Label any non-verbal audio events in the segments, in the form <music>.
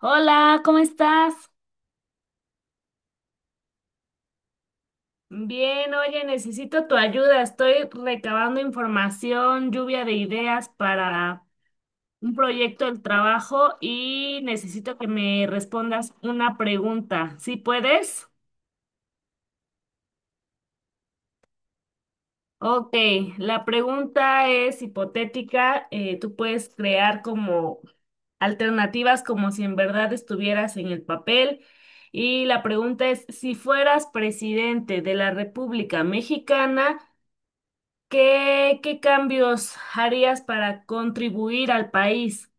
Hola, ¿cómo estás? Bien, oye, necesito tu ayuda. Estoy recabando información, lluvia de ideas para un proyecto del trabajo y necesito que me respondas una pregunta. ¿Sí puedes? Ok, la pregunta es hipotética. Tú puedes crear como alternativas como si en verdad estuvieras en el papel. Y la pregunta es, si fueras presidente de la República Mexicana, ¿qué cambios harías para contribuir al país?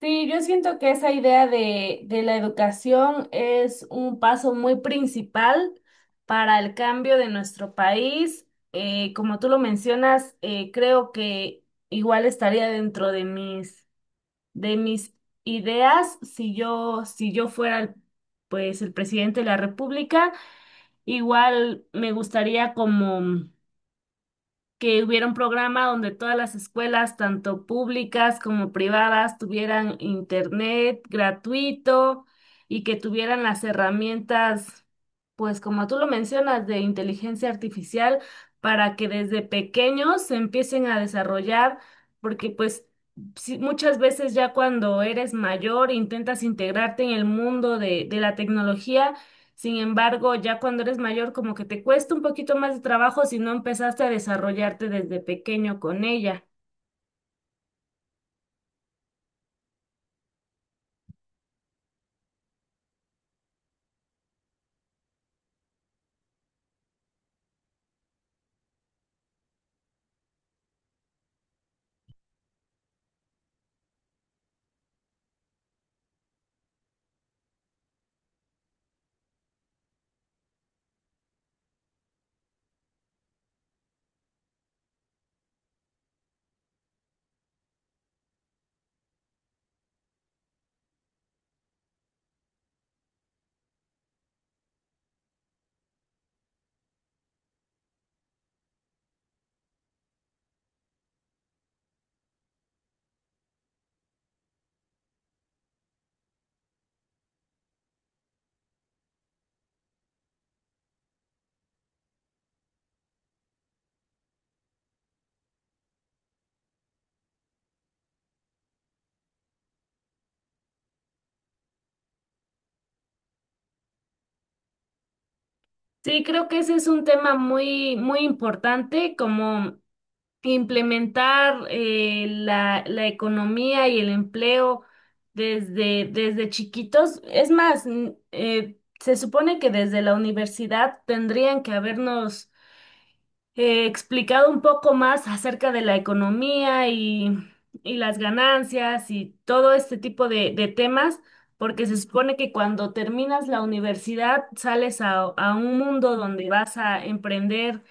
Sí, yo siento que esa idea de la educación es un paso muy principal para el cambio de nuestro país. Como tú lo mencionas, creo que igual estaría dentro de de mis ideas si yo, pues el presidente de la República. Igual me gustaría como que hubiera un programa donde todas las escuelas, tanto públicas como privadas, tuvieran internet gratuito y que tuvieran las herramientas, pues como tú lo mencionas, de inteligencia artificial para que desde pequeños se empiecen a desarrollar, porque pues sí, muchas veces ya cuando eres mayor intentas integrarte en el mundo de la tecnología. Sin embargo, ya cuando eres mayor, como que te cuesta un poquito más de trabajo si no empezaste a desarrollarte desde pequeño con ella. Sí, creo que ese es un tema muy, muy importante, como implementar la economía y el empleo desde chiquitos. Es más, se supone que desde la universidad tendrían que habernos explicado un poco más acerca de la economía y las ganancias y todo este tipo de temas, porque se supone que cuando terminas la universidad sales a un mundo donde vas a emprender,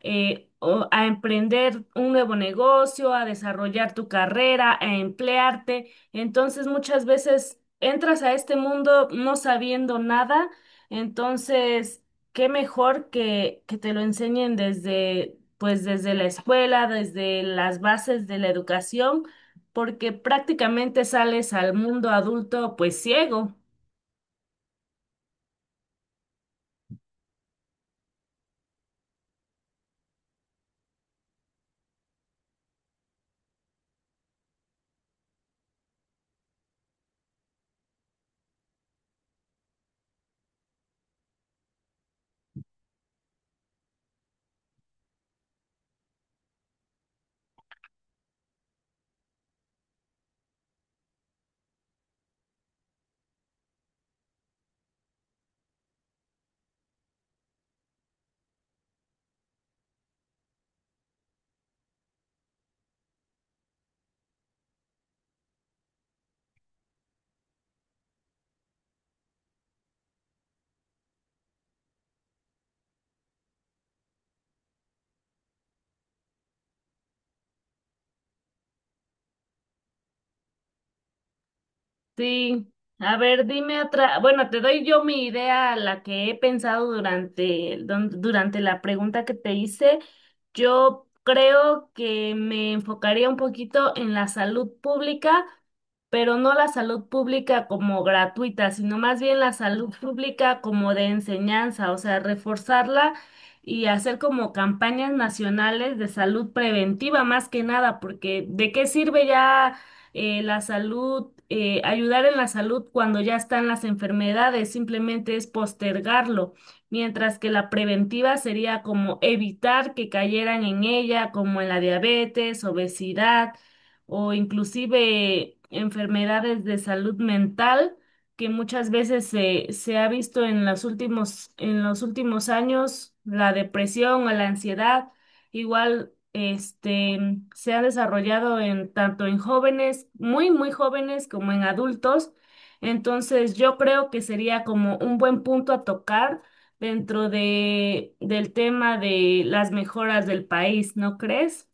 o a emprender un nuevo negocio, a desarrollar tu carrera, a emplearte. Entonces muchas veces entras a este mundo no sabiendo nada. Entonces, qué mejor que te lo enseñen desde, pues desde la escuela, desde las bases de la educación, porque prácticamente sales al mundo adulto pues ciego. Sí, a ver, dime otra, bueno, te doy yo mi idea, la que he pensado durante, durante la pregunta que te hice. Yo creo que me enfocaría un poquito en la salud pública, pero no la salud pública como gratuita, sino más bien la salud pública como de enseñanza, o sea, reforzarla y hacer como campañas nacionales de salud preventiva más que nada, porque ¿de qué sirve ya? La salud, ayudar en la salud cuando ya están las enfermedades, simplemente es postergarlo, mientras que la preventiva sería como evitar que cayeran en ella, como en la diabetes, obesidad o inclusive enfermedades de salud mental que muchas veces se ha visto en los últimos años, la depresión o la ansiedad. Igual, este, se ha desarrollado en tanto en jóvenes, muy, muy jóvenes, como en adultos. Entonces, yo creo que sería como un buen punto a tocar dentro del tema de las mejoras del país, ¿no crees?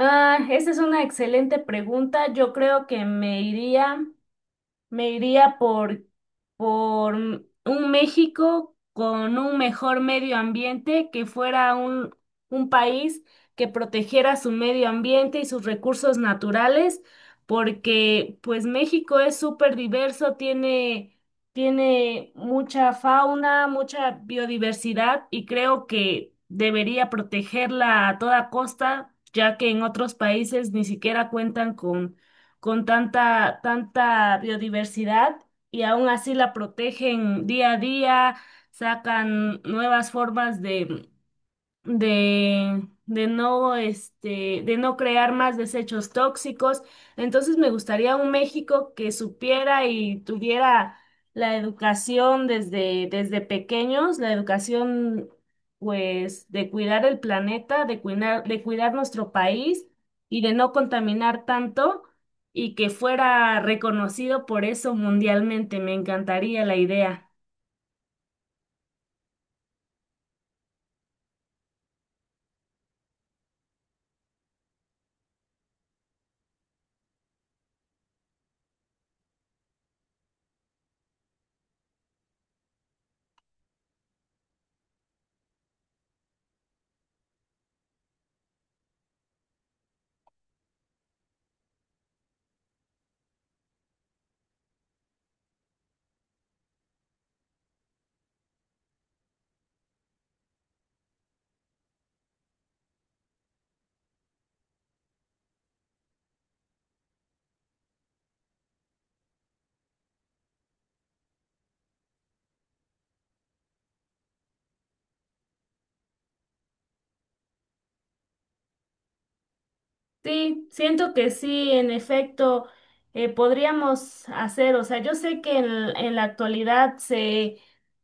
Ah, esa es una excelente pregunta. Yo creo que me iría. Me iría por un México con un mejor medio ambiente, que fuera un país que protegiera su medio ambiente y sus recursos naturales, porque pues México es súper diverso, tiene, tiene mucha fauna, mucha biodiversidad y creo que debería protegerla a toda costa, ya que en otros países ni siquiera cuentan con tanta, tanta biodiversidad y aún así la protegen día a día, sacan nuevas formas de no, este, de no crear más desechos tóxicos. Entonces me gustaría un México que supiera y tuviera la educación desde pequeños, la educación pues de cuidar el planeta, de cuidar nuestro país y de no contaminar tanto y que fuera reconocido por eso mundialmente. Me encantaría la idea. Sí, siento que sí, en efecto, podríamos hacer, o sea, yo sé que en la actualidad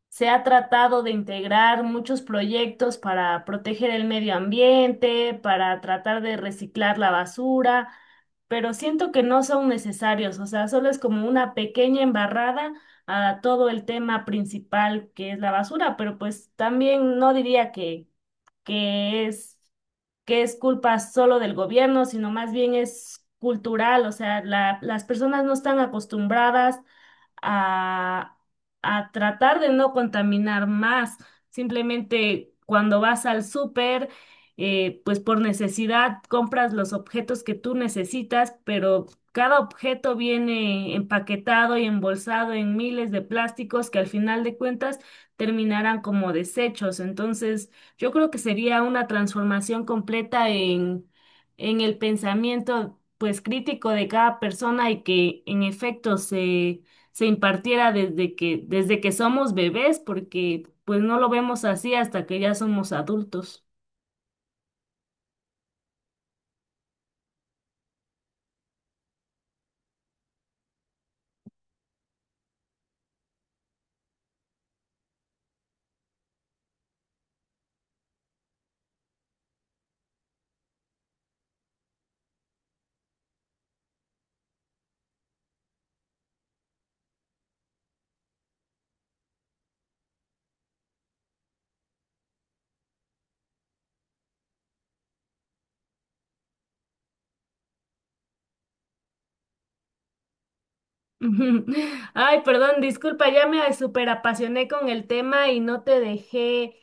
se ha tratado de integrar muchos proyectos para proteger el medio ambiente, para tratar de reciclar la basura, pero siento que no son necesarios, o sea, solo es como una pequeña embarrada a todo el tema principal que es la basura, pero pues también no diría que, que es que es culpa solo del gobierno, sino más bien es cultural, o sea, las personas no están acostumbradas a, a tratar de no contaminar más. Simplemente cuando vas al súper, pues por necesidad compras los objetos que tú necesitas, pero cada objeto viene empaquetado y embolsado en miles de plásticos que al final de cuentas terminarán como desechos. Entonces, yo creo que sería una transformación completa en el pensamiento pues crítico de cada persona y que en efecto se impartiera desde desde que somos bebés, porque pues no lo vemos así hasta que ya somos adultos. <laughs> Ujú. Ay, perdón, disculpa, ya me superapasioné con el tema y no te dejé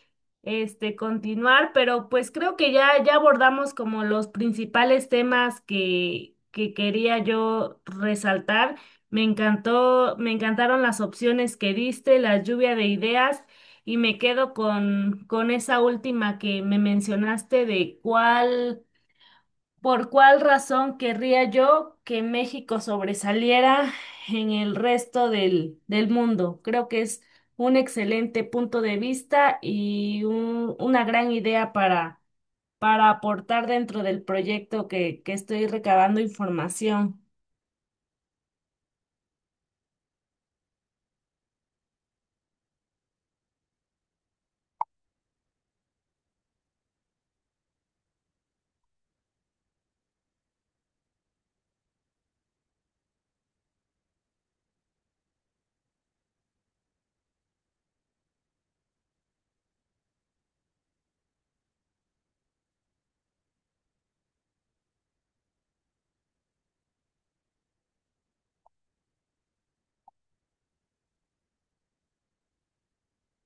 este continuar, pero pues creo que ya, ya abordamos como los principales temas que quería yo resaltar. Me encantó, me encantaron las opciones que diste, la lluvia de ideas, y me quedo con esa última que me mencionaste de cuál. ¿Por cuál razón querría yo que México sobresaliera en el resto del mundo? Creo que es un excelente punto de vista y una gran idea para aportar dentro del proyecto que estoy recabando información.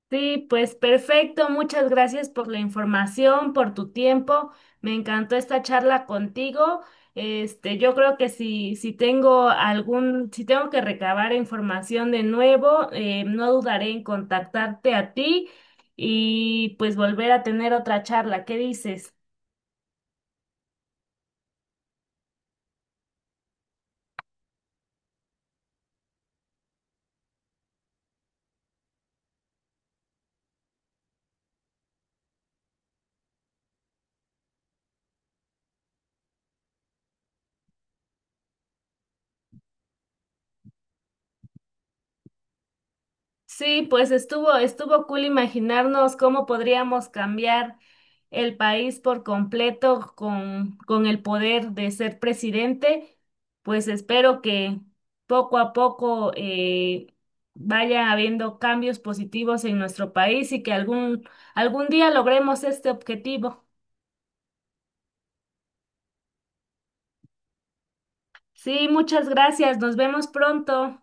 Sí, pues perfecto. Muchas gracias por la información, por tu tiempo. Me encantó esta charla contigo. Este, yo creo que si, si tengo algún, si tengo que recabar información de nuevo, no dudaré en contactarte a ti y pues volver a tener otra charla. ¿Qué dices? Sí, pues estuvo, estuvo cool imaginarnos cómo podríamos cambiar el país por completo con el poder de ser presidente. Pues espero que poco a poco vaya habiendo cambios positivos en nuestro país y que algún, algún día logremos este objetivo. Sí, muchas gracias. Nos vemos pronto.